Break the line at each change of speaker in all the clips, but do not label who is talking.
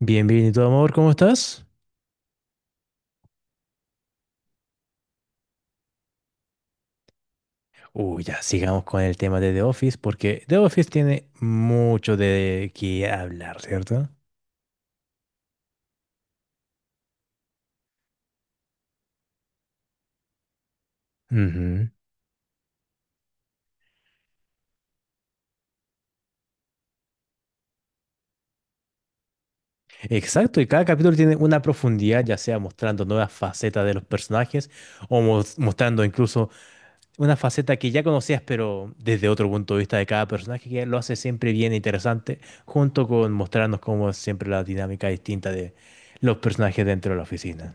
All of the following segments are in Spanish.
Bien, bien, ¿y tu amor, cómo estás? Uy, ya, sigamos con el tema de The Office, porque The Office tiene mucho de qué hablar, ¿cierto? Ujú. Exacto, y cada capítulo tiene una profundidad, ya sea mostrando nuevas facetas de los personajes o mostrando incluso una faceta que ya conocías, pero desde otro punto de vista de cada personaje, que lo hace siempre bien e interesante, junto con mostrarnos cómo es siempre la dinámica distinta de los personajes dentro de la oficina.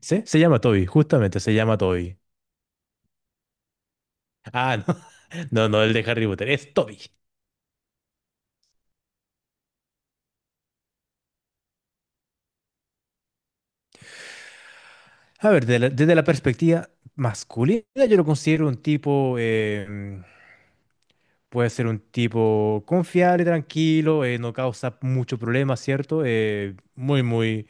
¿Sí? Se llama Toby, justamente se llama Toby. Ah, no. No, no, el de Harry Potter. Es Toby. A ver, desde la perspectiva masculina, yo lo considero un tipo. Puede ser un tipo confiable, tranquilo, no causa mucho problema, ¿cierto? Muy, muy,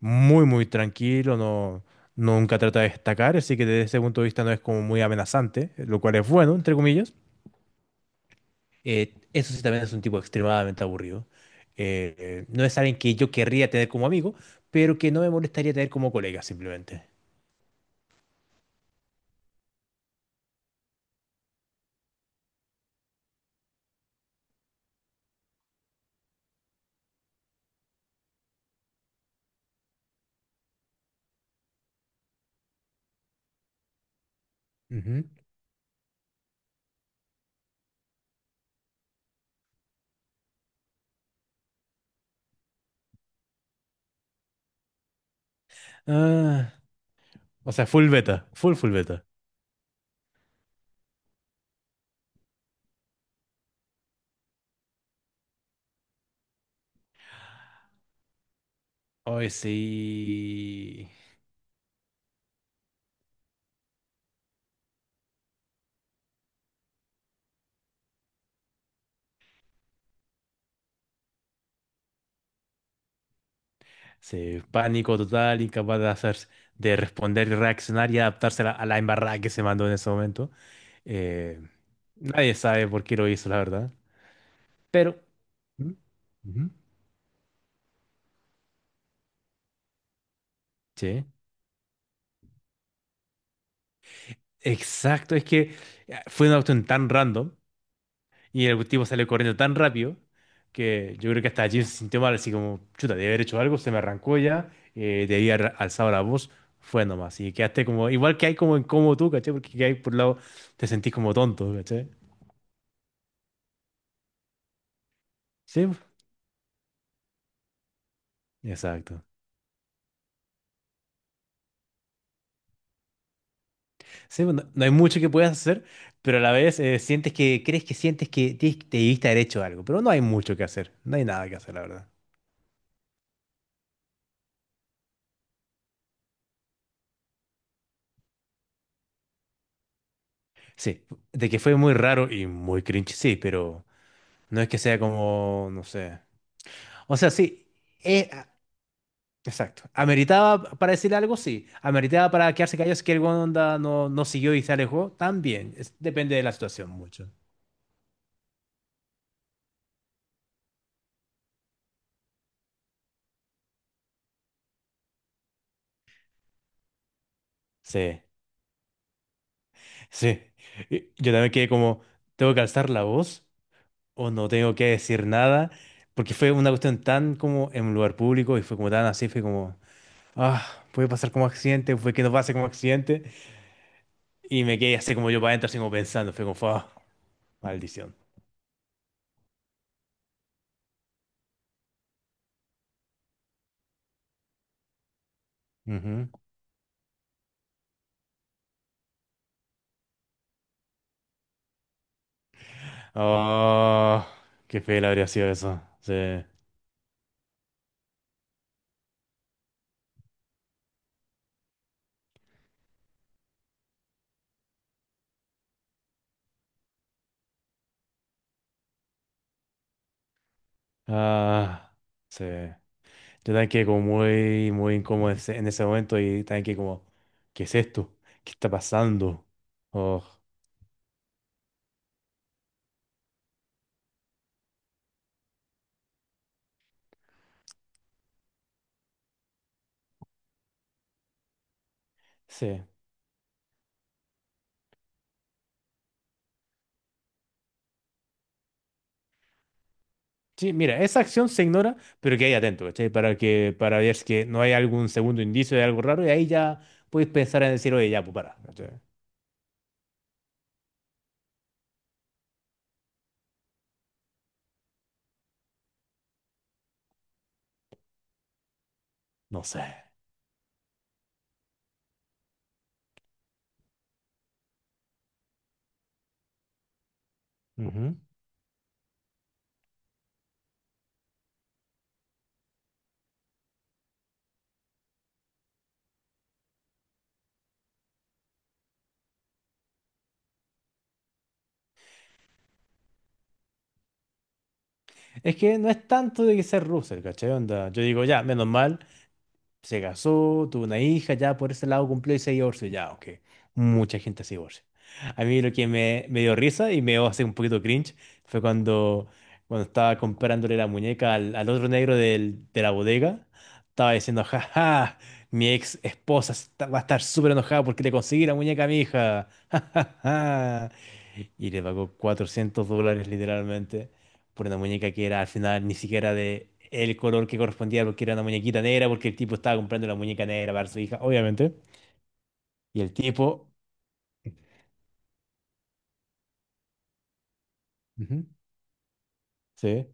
muy, muy tranquilo, no, nunca trata de destacar, así que desde ese punto de vista no es como muy amenazante, lo cual es bueno, entre comillas. Eso sí también es un tipo extremadamente aburrido. No es alguien que yo querría tener como amigo, pero que no me molestaría tener como colega simplemente. Ujú. Ah, o sea, full beta, full beta. Hoy sí, sí, pánico total, incapaz de hacer, de responder, y reaccionar y adaptarse a la embarrada que se mandó en ese momento. Eh, nadie sabe por qué lo hizo, la verdad. Pero... Ujú, ujú. Sí, exacto, es que fue una cuestión tan random. Y el tipo salió corriendo tan rápido que yo creo que hasta Jim se sintió mal, así como, chuta, debí haber hecho algo, se me arrancó ya, debí haber alzado la voz, fue nomás. Y quedaste como, igual que hay como incómodo tú, ¿cachai? Porque que hay por un lado, te sentís como tonto, ¿cachai? Sí, pues, exacto. Sí, pues, no, no hay mucho que puedas hacer, pero a la vez sientes que, crees que sientes que te debiste haber hecho algo, pero no hay mucho que hacer, no hay nada que hacer, la verdad. Sí, de que fue muy raro y muy cringe, sí, pero no es que sea como, no sé. O sea, sí, eh, ah, exacto. ¿Ameritaba para decir algo? Sí. ¿Ameritaba para quedarse callado si que el weón onda no, no siguió y se alejó? También. Depende de la situación mucho. Sí, sí. Y yo también quedé como, ¿tengo que alzar la voz o no tengo que decir nada? Porque fue una cuestión tan como en un lugar público y fue como tan así, fue como, ah, puede pasar como accidente, fue que no pase como accidente. Y me quedé así como yo para adentro, así como pensando, fue como, ah, maldición. Ah, qué feo habría sido eso. Sí. Ah, sí. Yo también quedé como muy, muy incómodo en ese momento y también que como, ¿qué es esto? ¿Qué está pasando? Oh, sí. Sí, mira, esa acción se ignora, pero que hay atento, ¿cachai? Para que, para ver si que no hay algún segundo indicio de algo raro y ahí ya puedes pensar en decir, oye, ya, pues para, ¿cachai? No sé. Ujú. Es que no es tanto de que ser Russell, ¿cachai? Onda, yo digo, ya, menos mal. Se casó, tuvo una hija, ya por ese lado cumplió y se divorció, ya, aunque mucha gente se divorcia. A mí lo que me dio risa y me dio así un poquito cringe fue cuando, cuando estaba comprándole la muñeca al, al otro negro de la bodega, estaba diciendo, jaja, mi ex esposa va a estar súper enojada porque le conseguí la muñeca a mi hija, ja ja ja. Y le pagó $400 literalmente por una muñeca que era al final ni siquiera de el color que correspondía porque era una muñequita negra, porque el tipo estaba comprando la muñeca negra para su hija, obviamente. Y el tipo, ujú, sí,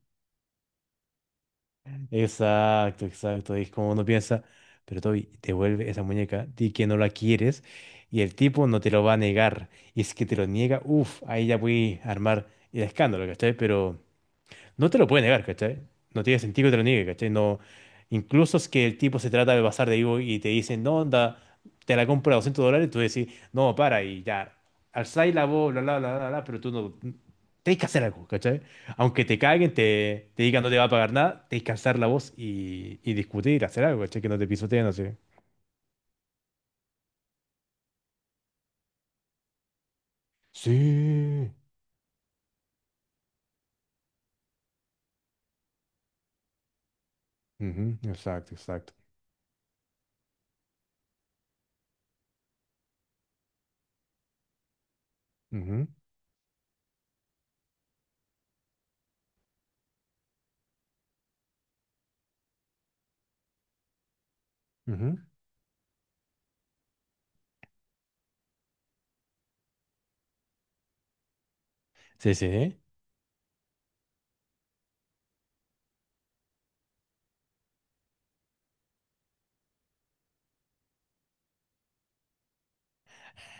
exacto, exacto. Y es como uno piensa, pero Toby, devuelve esa muñeca, di que no la quieres, y el tipo no te lo va a negar. Y es que te lo niega, uff, ahí ya voy a armar el escándalo, ¿cachai? Pero. No te lo puede negar, ¿cachai? No tiene sentido que te lo niegue, ¿cachai? No, incluso es que el tipo se trata de pasar de vivo y te dicen, no, onda, te la compro a $200, tú decís, no, para, y ya, alzáis la voz, bla, bla, bla, bla, bla, pero tú no, tenés que hacer algo, ¿cachai? Aunque te caguen, te digan no te va a pagar nada, tenés que alzar la voz y discutir, hacer algo, ¿cachai? Que no te pisoteen así. Sí. Ujú, exacto, exacto. Ujú, ujú. Sí, sí.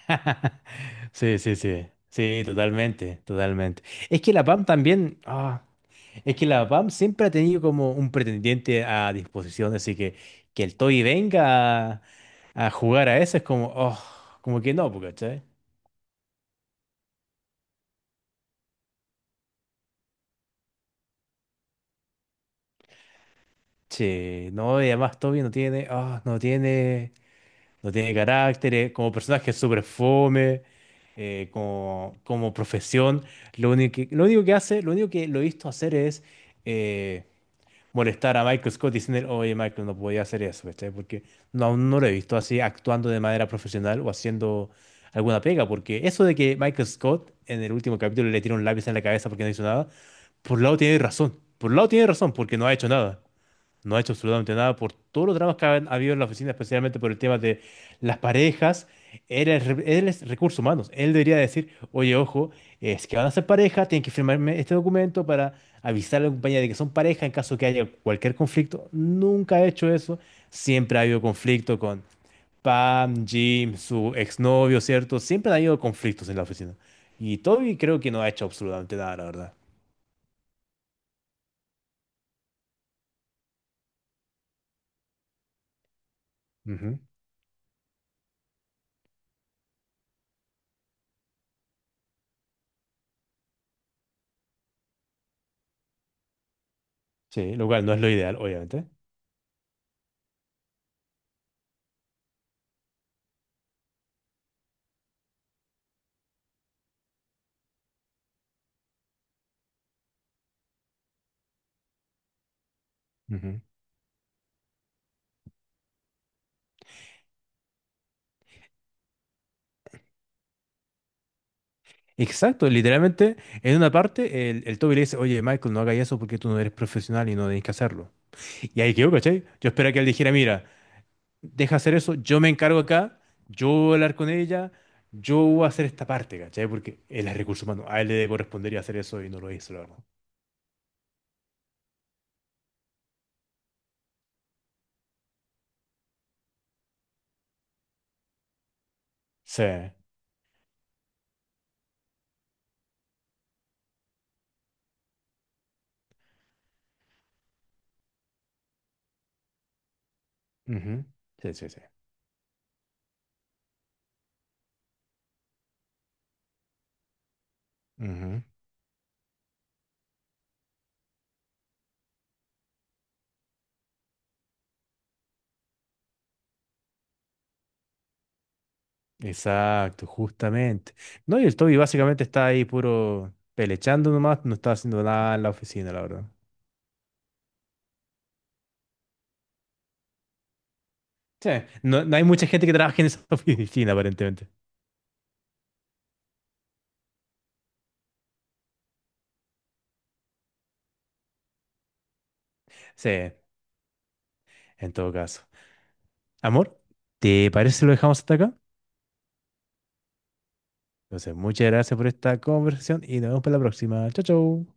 Sí, sí, sí. Sí, totalmente, totalmente. Es que la Pam también, ah, es que la Pam siempre ha tenido como un pretendiente a disposición, así que el Toy venga a jugar a eso es como, oh, como que no, porque, ¿cachai? Che, no, y además Toby no tiene, ah, no tiene, no tiene carácter, como personaje es súper fome, como, como profesión, lo único que hace, lo único que lo he visto hacer es... eh, molestar a Michael Scott y decirle, oye, Michael, no podía hacer eso, ¿cachai? Porque no, aún no lo he visto así actuando de manera profesional o haciendo alguna pega, porque eso de que Michael Scott en el último capítulo le tira un lápiz en la cabeza porque no hizo nada, por un lado tiene razón, por un lado tiene razón porque no ha hecho nada. No ha hecho absolutamente nada por todos los dramas que han habido en la oficina, especialmente por el tema de las parejas. Él es, él es recursos humanos. Él debería decir, oye, ojo, es que van a ser pareja, tienen que firmarme este documento para avisar a la compañía de que son pareja en caso que haya cualquier conflicto. Nunca ha hecho eso. Siempre ha habido conflicto con Pam, Jim, su exnovio, ¿cierto? Siempre ha habido conflictos en la oficina. Y Toby creo que no ha hecho absolutamente nada, la verdad. Ujú. Sí, lo cual no es lo ideal, obviamente. Exacto, literalmente en una parte el Toby le dice, oye Michael, no hagas eso porque tú no eres profesional y no tenés que hacerlo. Y ahí quedó, ¿cachai? Yo esperaba que él dijera, mira, deja hacer eso, yo me encargo acá, yo voy a hablar con ella, yo voy a hacer esta parte, ¿cachai? Porque él es recurso humano, a él le correspondería hacer eso y no lo hizo, la verdad. Sí, ujú, sí, sí, sí. Ujú, exacto, justamente. No, y el Toby básicamente está ahí puro pelechando nomás, no está haciendo nada en la oficina, la verdad. Sí, no, no hay mucha gente que trabaje en esa oficina, aparentemente. Sí, en todo caso. Amor, ¿te parece si lo dejamos hasta acá? Entonces, muchas gracias por esta conversación y nos vemos para la próxima. Chau, chau.